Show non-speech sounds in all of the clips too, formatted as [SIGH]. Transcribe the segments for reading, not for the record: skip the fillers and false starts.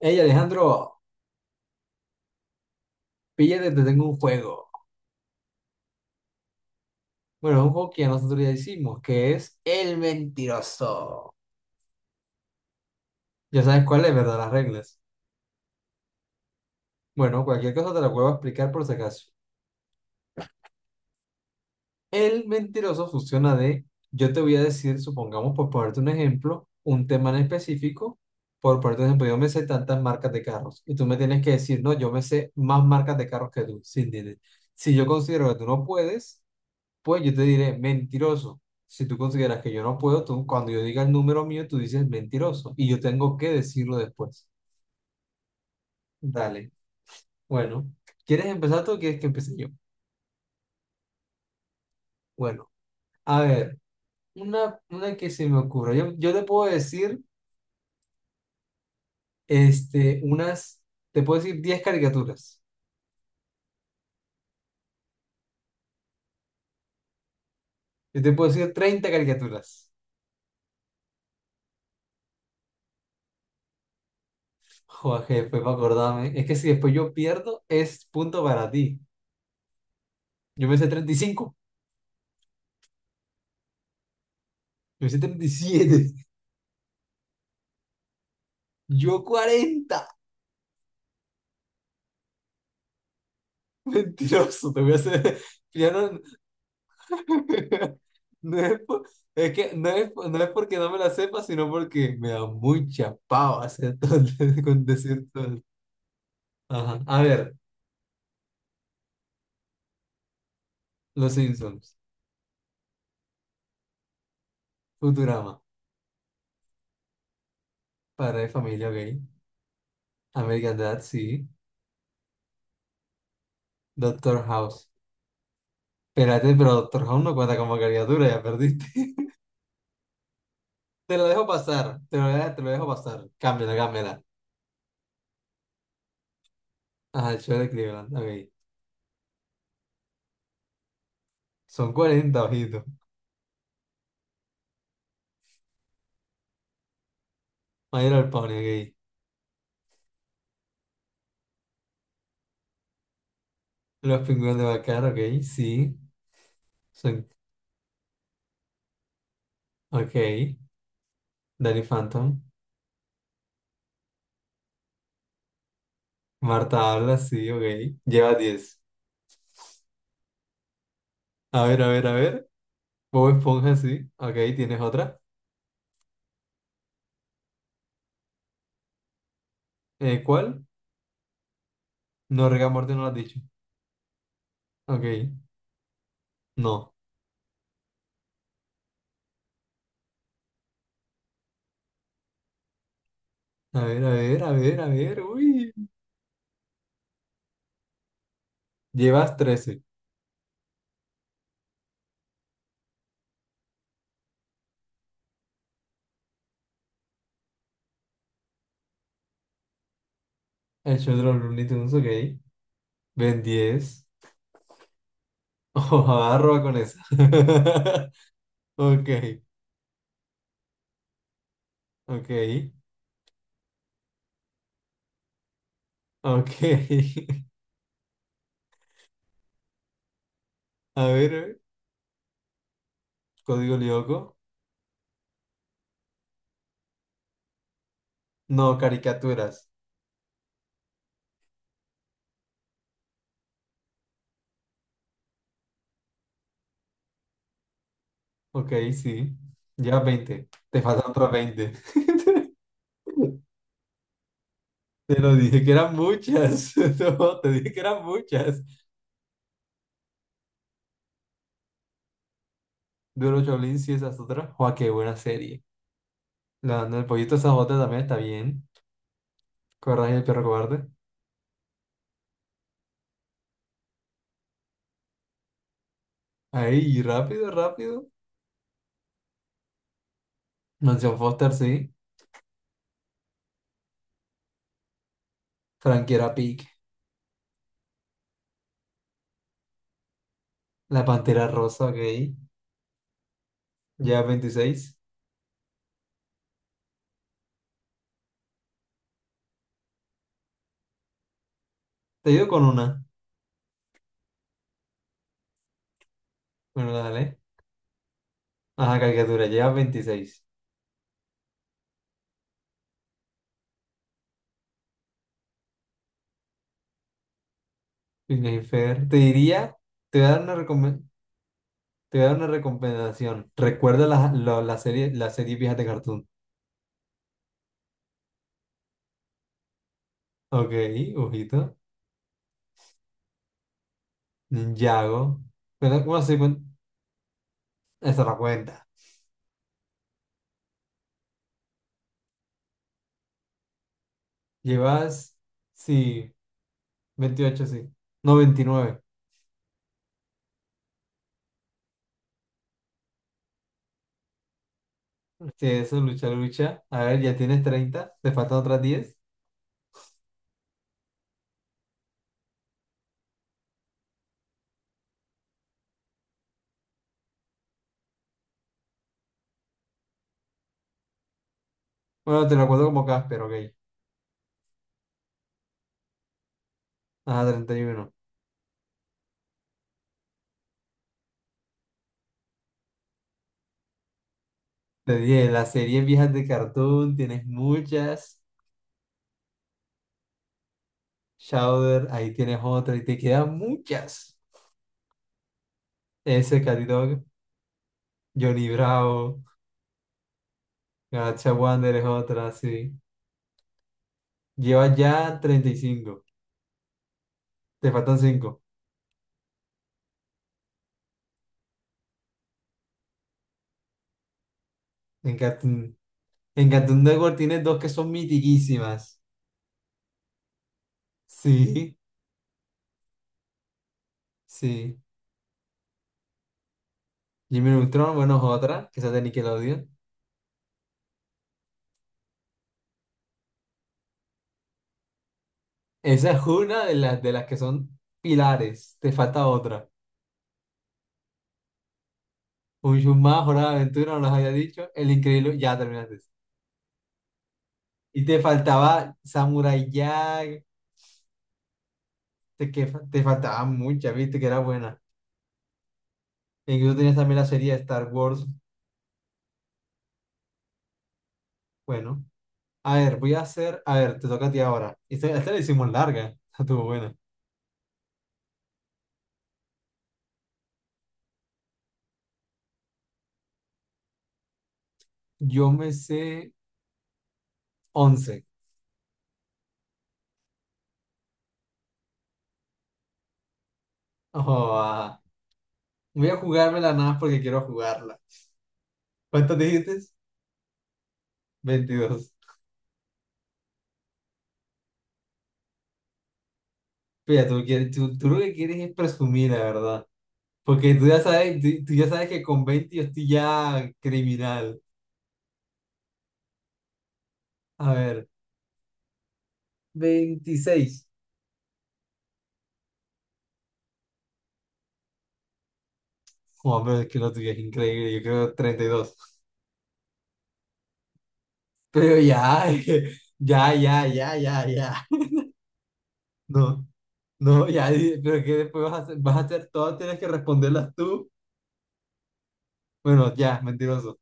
Hey Alejandro, píllate, te tengo un juego. Bueno, es un juego que ya nosotros ya hicimos, que es El Mentiroso. Ya sabes cuál es, ¿verdad? Las reglas. Bueno, cualquier cosa te la vuelvo a explicar por si acaso. El Mentiroso funciona de, yo te voy a decir, supongamos, por ponerte un ejemplo, un tema en específico. Por ponerte un ejemplo, yo me sé tantas marcas de carros y tú me tienes que decir, no, yo me sé más marcas de carros que tú, sin dinero. Si yo considero que tú no puedes. Pues yo te diré, mentiroso. Si tú consideras que yo no puedo, tú, cuando yo diga el número mío, tú dices mentiroso. Y yo tengo que decirlo después. Dale. Bueno, ¿quieres empezar tú o quieres que empiece yo? Bueno, a ver, una que se me ocurra. Yo te puedo decir, este, unas, te puedo decir 10 caricaturas. Yo te puedo decir 30 caricaturas. Joder, jefe, para acordarme. Es que si después yo pierdo, es punto para ti. Yo me sé 35. Yo me sé 37. Yo 40. [LAUGHS] Mentiroso, te voy a hacer. [LAUGHS] Ya no, [LAUGHS] no es, es que no es porque no me la sepa, sino porque me da mucha pava hacer todo, [LAUGHS] con decir todo. Ajá. A ver, Los Simpsons, Futurama, Padre de Familia Gay, American Dad, sí, Doctor House. Espérate, pero Doctor House no cuenta como caricatura, ya perdiste. [LAUGHS] Te lo dejo pasar, te lo dejo pasar. Cámbiala, cámbiala. Ajá, el show de Cleveland, ok. Son 40, ojito. Mayor al Pony, ok. Los pingüinos de Bacar, ok, sí. Son, ok. Danny Phantom. Marta habla, sí, ok. Lleva 10. A ver, a ver, a ver. Bob Esponja, sí. Ok, ¿tienes otra? ¿Cuál? No, Rick and Morty no lo has dicho. Ok, no. A ver, a ver, a ver, a ver. Uy. Llevas 13. El show de los Looney Tunes, ok. Ven 10. [LAUGHS] Ojo, arroba con esa. [LAUGHS] Ok, ok, ok. [LAUGHS] A ver, a ver. Código Lyoko. No, caricaturas. Ok, sí. Llevas 20. Te faltan otras 20. [LAUGHS] Te lo dije que eran muchas. [LAUGHS] No, te dije que eran muchas. Duro Shaolin, sí, esa es otra. Joa, qué buena serie. La del pollito Sajote también está bien. Coraje del perro cobarde. Ahí, rápido, rápido. Mansión Foster, sí. Frankie era Pig. La Pantera Rosa, ok. Llevas 26. Te ayudo con una. Bueno, dale. Ajá, caricatura. Llevas 26. Phineas y Fer. Te diría, te voy a dar una recomendación. Te voy a dar una recomendación. Recuerda la serie vieja de Cartoon. Ok, ojito. Ninjago. Bueno, bueno, sí, bueno, esa la cuenta. Llevas, sí, 28, sí. No, 29. Sí, eso, lucha, lucha. A ver, ya tienes 30. Te faltan otras 10. Bueno, te lo cuento como Casper, ok. Ah, 31. Te dije, las series viejas de Cartoon, tienes muchas. Chowder, ahí tienes otra y te quedan muchas. Ese Cat Dog, Johnny Bravo. Galaxia Wander es otra, sí. Llevas ya 35. Te faltan 5. En Cartoon, en Cartoon Network tienes dos que son mitiquísimas. Sí, sí. Jimmy Neutron, bueno, es otra, que esa es de Nickelodeon. Esa es una de las que son pilares. Te falta otra. Un show más, Hora de Aventura, no las había dicho. El Increíble, ya terminaste. Y te faltaba Samurai Jack. Te, que, te faltaban muchas, viste, que era buena. E incluso tenías también la serie de Star Wars. Bueno. A ver, voy a hacer. A ver, te toca a ti ahora. Esta la hicimos larga. [LAUGHS] Estuvo buena. Yo me sé 11. Oh, ah. Voy a jugármela nada más porque quiero jugarla. ¿Cuántas dijiste? 22. Mira, tú lo que quieres es presumir, la verdad. Porque tú ya sabes que con 20 yo estoy ya criminal. A ver, 26. Oh, pero es que lo tuyo es increíble. Yo creo 32. Pero ya, [LAUGHS] ya, ya, ya, ya, ya. No. No, ya, pero que después vas a hacer, todas, tienes que responderlas tú. Bueno, ya, mentiroso.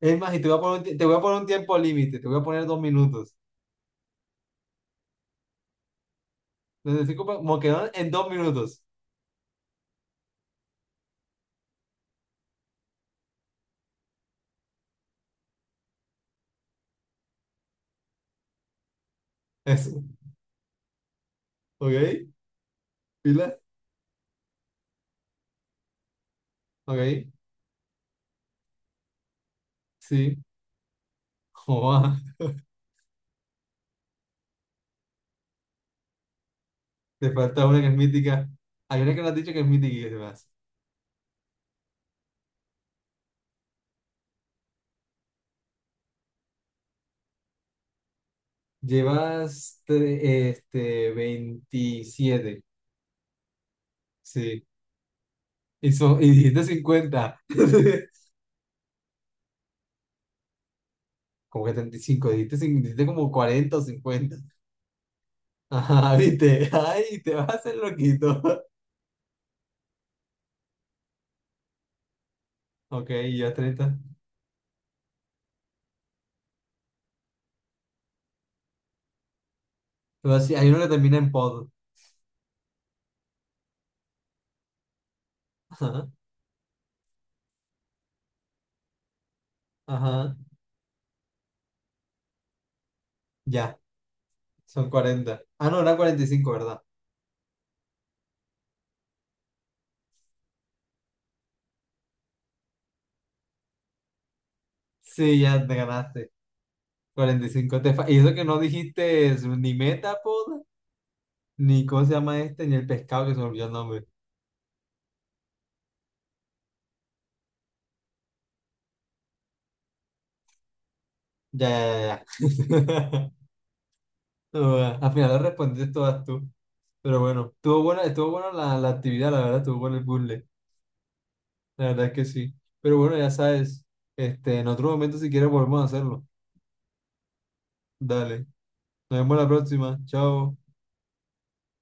Es más, y te voy a poner un tiempo límite, te voy a poner 2 minutos. Entonces, cinco, como quedaron en 2 minutos. Eso, ¿ok? ¿Pila? ¿Ok? Sí. [LAUGHS] Joa, te falta una que es mítica. Hay una que no has dicho que es mítica y que se me hace. Llevas este, 27, sí. Y, dijiste 50. [LAUGHS] Como que 35 dijiste como 40 o 50. Ajá, viste. Ay, te vas a hacer loquito. [LAUGHS] Ok, y ya 30. Luego sí, hay uno que termina en pod. Ajá, ajá. Ya, son 40. Ah, no, era 45, ¿verdad? Sí, ya te ganaste. 45. Y eso que no dijiste es ni Metapod, ni cómo se llama este, ni el pescado que se me olvidó el nombre. Ya, ya, ya, ya. [LAUGHS] No, bueno, al final lo respondiste todas tú. Pero bueno, estuvo buena la actividad, la verdad, estuvo bueno el puzzle. La verdad es que sí. Pero bueno, ya sabes, este, en otro momento si quieres volvemos a hacerlo. Dale. Nos vemos la próxima. Chao.